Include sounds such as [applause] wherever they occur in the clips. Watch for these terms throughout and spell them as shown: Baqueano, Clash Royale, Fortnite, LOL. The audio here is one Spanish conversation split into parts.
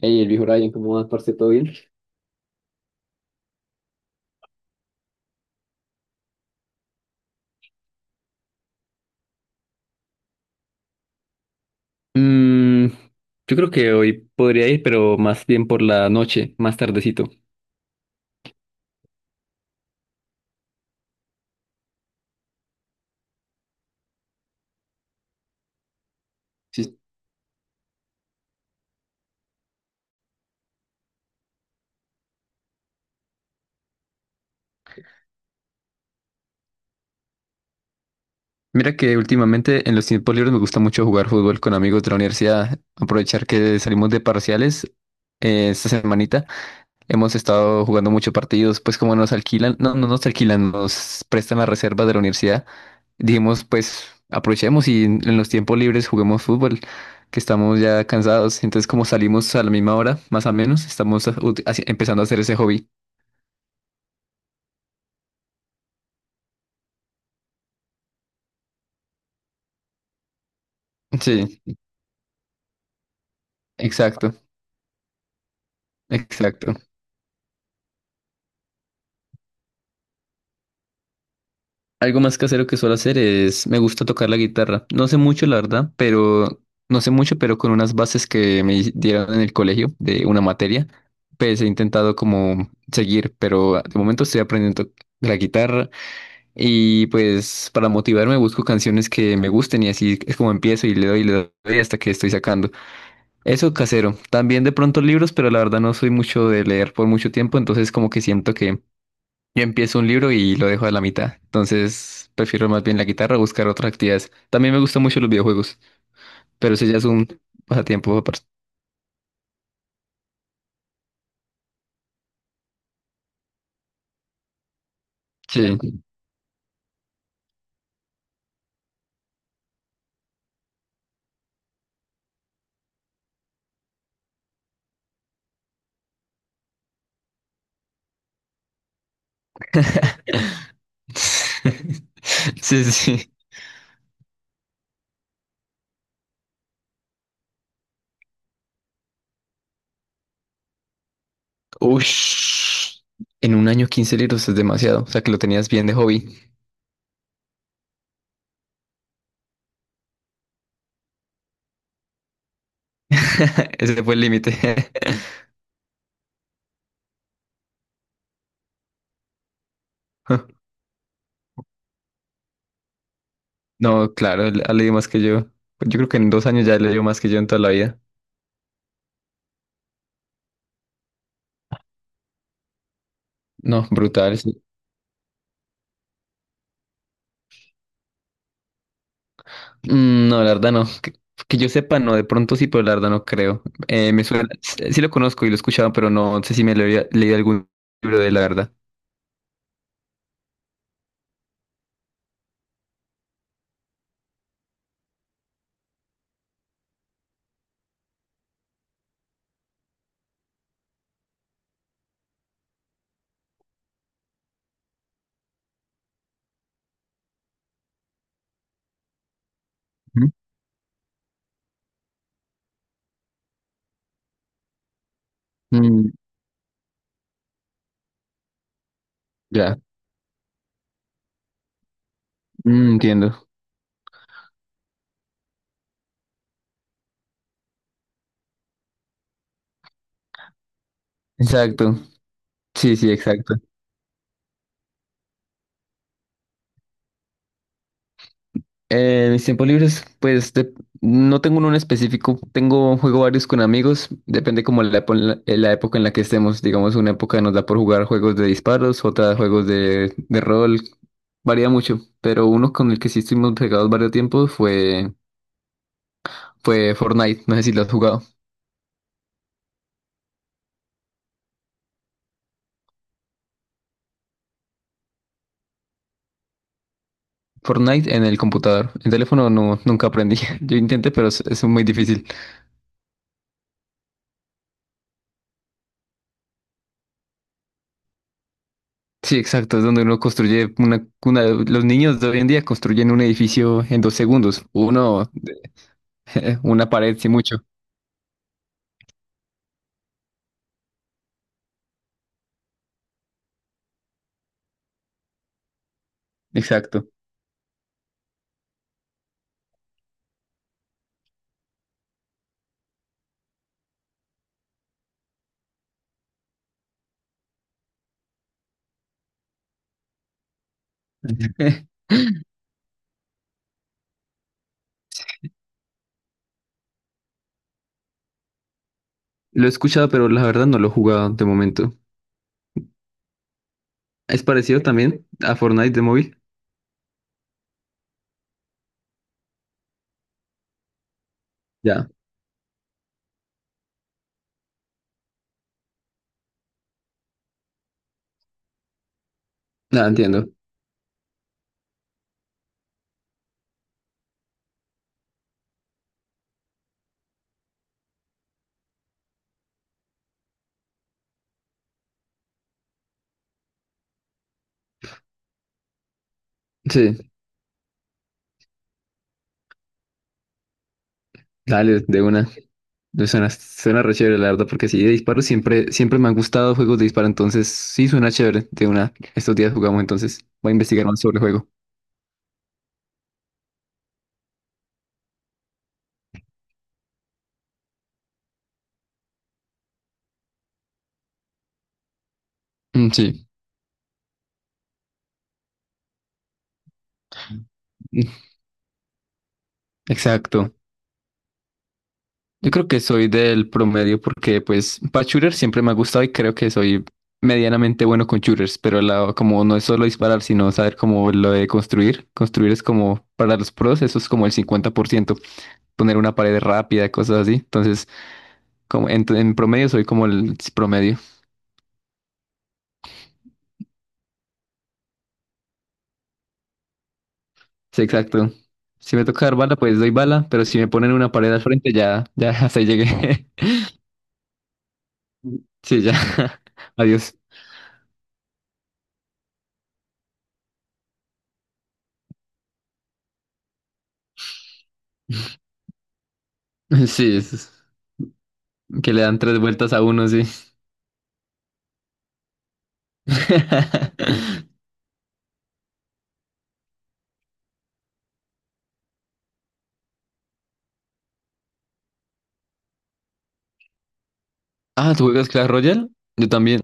Hey, el viejo Ryan, ¿cómo vas, parce? ¿Todo bien? Mm, yo creo que hoy podría ir, pero más bien por la noche, más tardecito. Sí. Mira que últimamente en los tiempos libres me gusta mucho jugar fútbol con amigos de la universidad, aprovechar que salimos de parciales esta semanita. Hemos estado jugando muchos partidos, pues como nos alquilan, no, no nos alquilan, nos prestan las reservas de la universidad. Dijimos, pues aprovechemos y en los tiempos libres juguemos fútbol, que estamos ya cansados. Entonces, como salimos a la misma hora, más o menos, estamos empezando a hacer ese hobby. Sí, exacto, exacto. Algo más casero que suelo hacer es, me gusta tocar la guitarra. No sé mucho, la verdad, pero no sé mucho, pero con unas bases que me dieron en el colegio de una materia, pues he intentado como seguir, pero de momento estoy aprendiendo la guitarra y pues para motivarme busco canciones que me gusten y así es como empiezo y le doy hasta que estoy sacando. Eso casero. También de pronto libros, pero la verdad no soy mucho de leer por mucho tiempo, entonces como que siento que yo empiezo un libro y lo dejo a la mitad. Entonces prefiero más bien la guitarra o buscar otras actividades. También me gustan mucho los videojuegos, pero eso ya es un pasatiempo aparte. Sí. [laughs] Sí, sí. Uy. En un año 15 libros es demasiado. O sea que lo tenías bien de hobby. [laughs] Ese fue el límite. [laughs] No, claro, él ha leído más que yo. Yo creo que en 2 años ya leyó más que yo en toda la vida. No, brutal. Mm, no, la verdad no. Que yo sepa, no, de pronto sí, pero la verdad no creo. Me suena, sí lo conozco y lo he escuchado, pero no sé si me lo había leído algún libro de él, la verdad. Ujú. Mm, ya. Mm, entiendo. Exacto. Sí, sí, exacto. Mis tiempos libres, no tengo uno en específico, tengo juego varios con amigos, depende como la época en la que estemos, digamos una época nos da por jugar juegos de disparos, otra juegos de rol, varía mucho, pero uno con el que sí estuvimos pegados varios tiempos fue Fortnite. No sé si lo has jugado. Fortnite en el computador. En teléfono no, nunca aprendí. [laughs] Yo intenté, pero es muy difícil. Sí, exacto, es donde uno construye Los niños de hoy en día construyen un edificio en 2 segundos. Uno, [laughs] una pared, sí mucho. Exacto. [laughs] Lo he escuchado, pero la verdad no lo he jugado de momento. ¿Es parecido también a Fortnite de móvil? Ya, la entiendo. Sí, dale, de una. Pues suena, suena re chévere, la verdad, porque sí, de disparos siempre, siempre me han gustado juegos de disparo, entonces sí suena chévere. De una, estos días jugamos, entonces voy a investigar más sobre el juego. Mm. Sí, [laughs] mm, exacto. Yo creo que soy del promedio porque, pues, para shooter siempre me ha gustado y creo que soy medianamente bueno con shooters, pero como no es solo disparar, sino saber cómo lo de construir. Construir es como, para los pros, eso es como el 50%, poner una pared rápida, cosas así. Entonces, como en promedio soy como el promedio. Sí, exacto. Si me toca dar bala, pues doy bala, pero si me ponen una pared al frente, ya, ya [laughs] hasta ahí llegué. [laughs] Sí, ya. [laughs] Adiós. Sí, que le dan 3 vueltas a uno, sí. [laughs] Ah, ¿tú juegas Clash Royale? Yo también.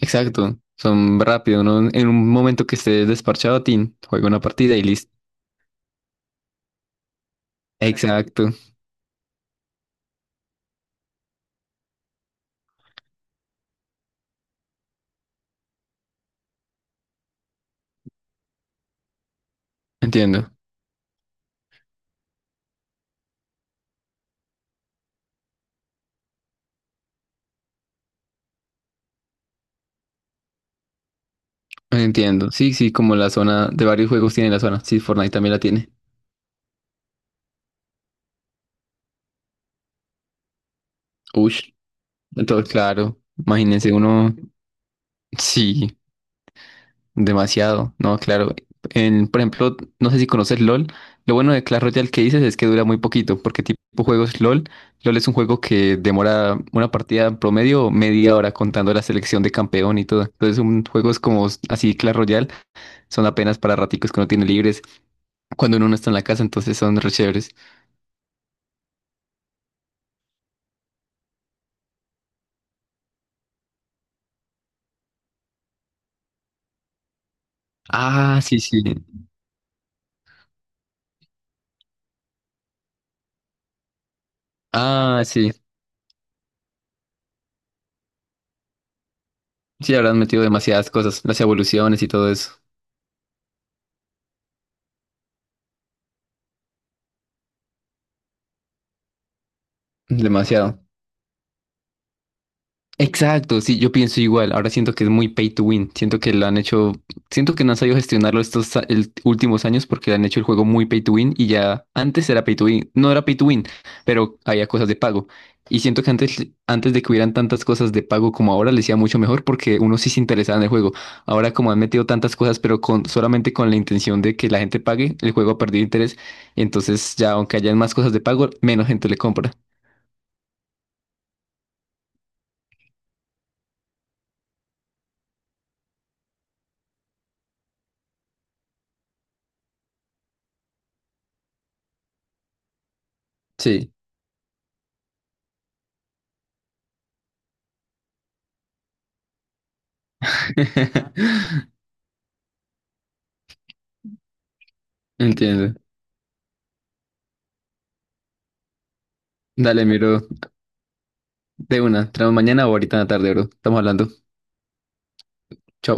Exacto. Son rápido, ¿no? En un momento que estés desparchado, tin, juega una partida y listo. Exacto. Entiendo. Entiendo. Sí, sí, como la zona de varios juegos tiene la zona. Sí, Fortnite también la tiene. Ush. Entonces, claro. Imagínense uno. Sí. Demasiado, no, claro. En, por ejemplo, no sé si conoces LOL. Lo bueno de Clash Royale que dices es que dura muy poquito, porque tipo juegos LOL, LOL es un juego que demora una partida en promedio media hora contando la selección de campeón y todo. Entonces, juegos como así Clash Royale son apenas para raticos que uno tiene libres cuando uno no está en la casa, entonces son re chéveres. Ah, sí, sí. Ah, sí. Sí, habrán metido demasiadas cosas, las evoluciones y todo eso. Demasiado. Exacto, sí, yo pienso igual. Ahora siento que es muy pay to win. Siento que lo han hecho, siento que no han sabido gestionarlo estos últimos años porque han hecho el juego muy pay to win y ya antes era pay to win, no era pay to win, pero había cosas de pago. Y siento que antes, antes de que hubieran tantas cosas de pago como ahora, les iba mucho mejor porque uno sí se interesaba en el juego. Ahora como han metido tantas cosas, pero con, solamente con la intención de que la gente pague, el juego ha perdido interés. Entonces ya aunque hayan más cosas de pago, menos gente le compra. Sí. [laughs] Entiendo. Dale, miro. De una, tenemos mañana o ahorita en la tarde, bro. Estamos hablando. Chao.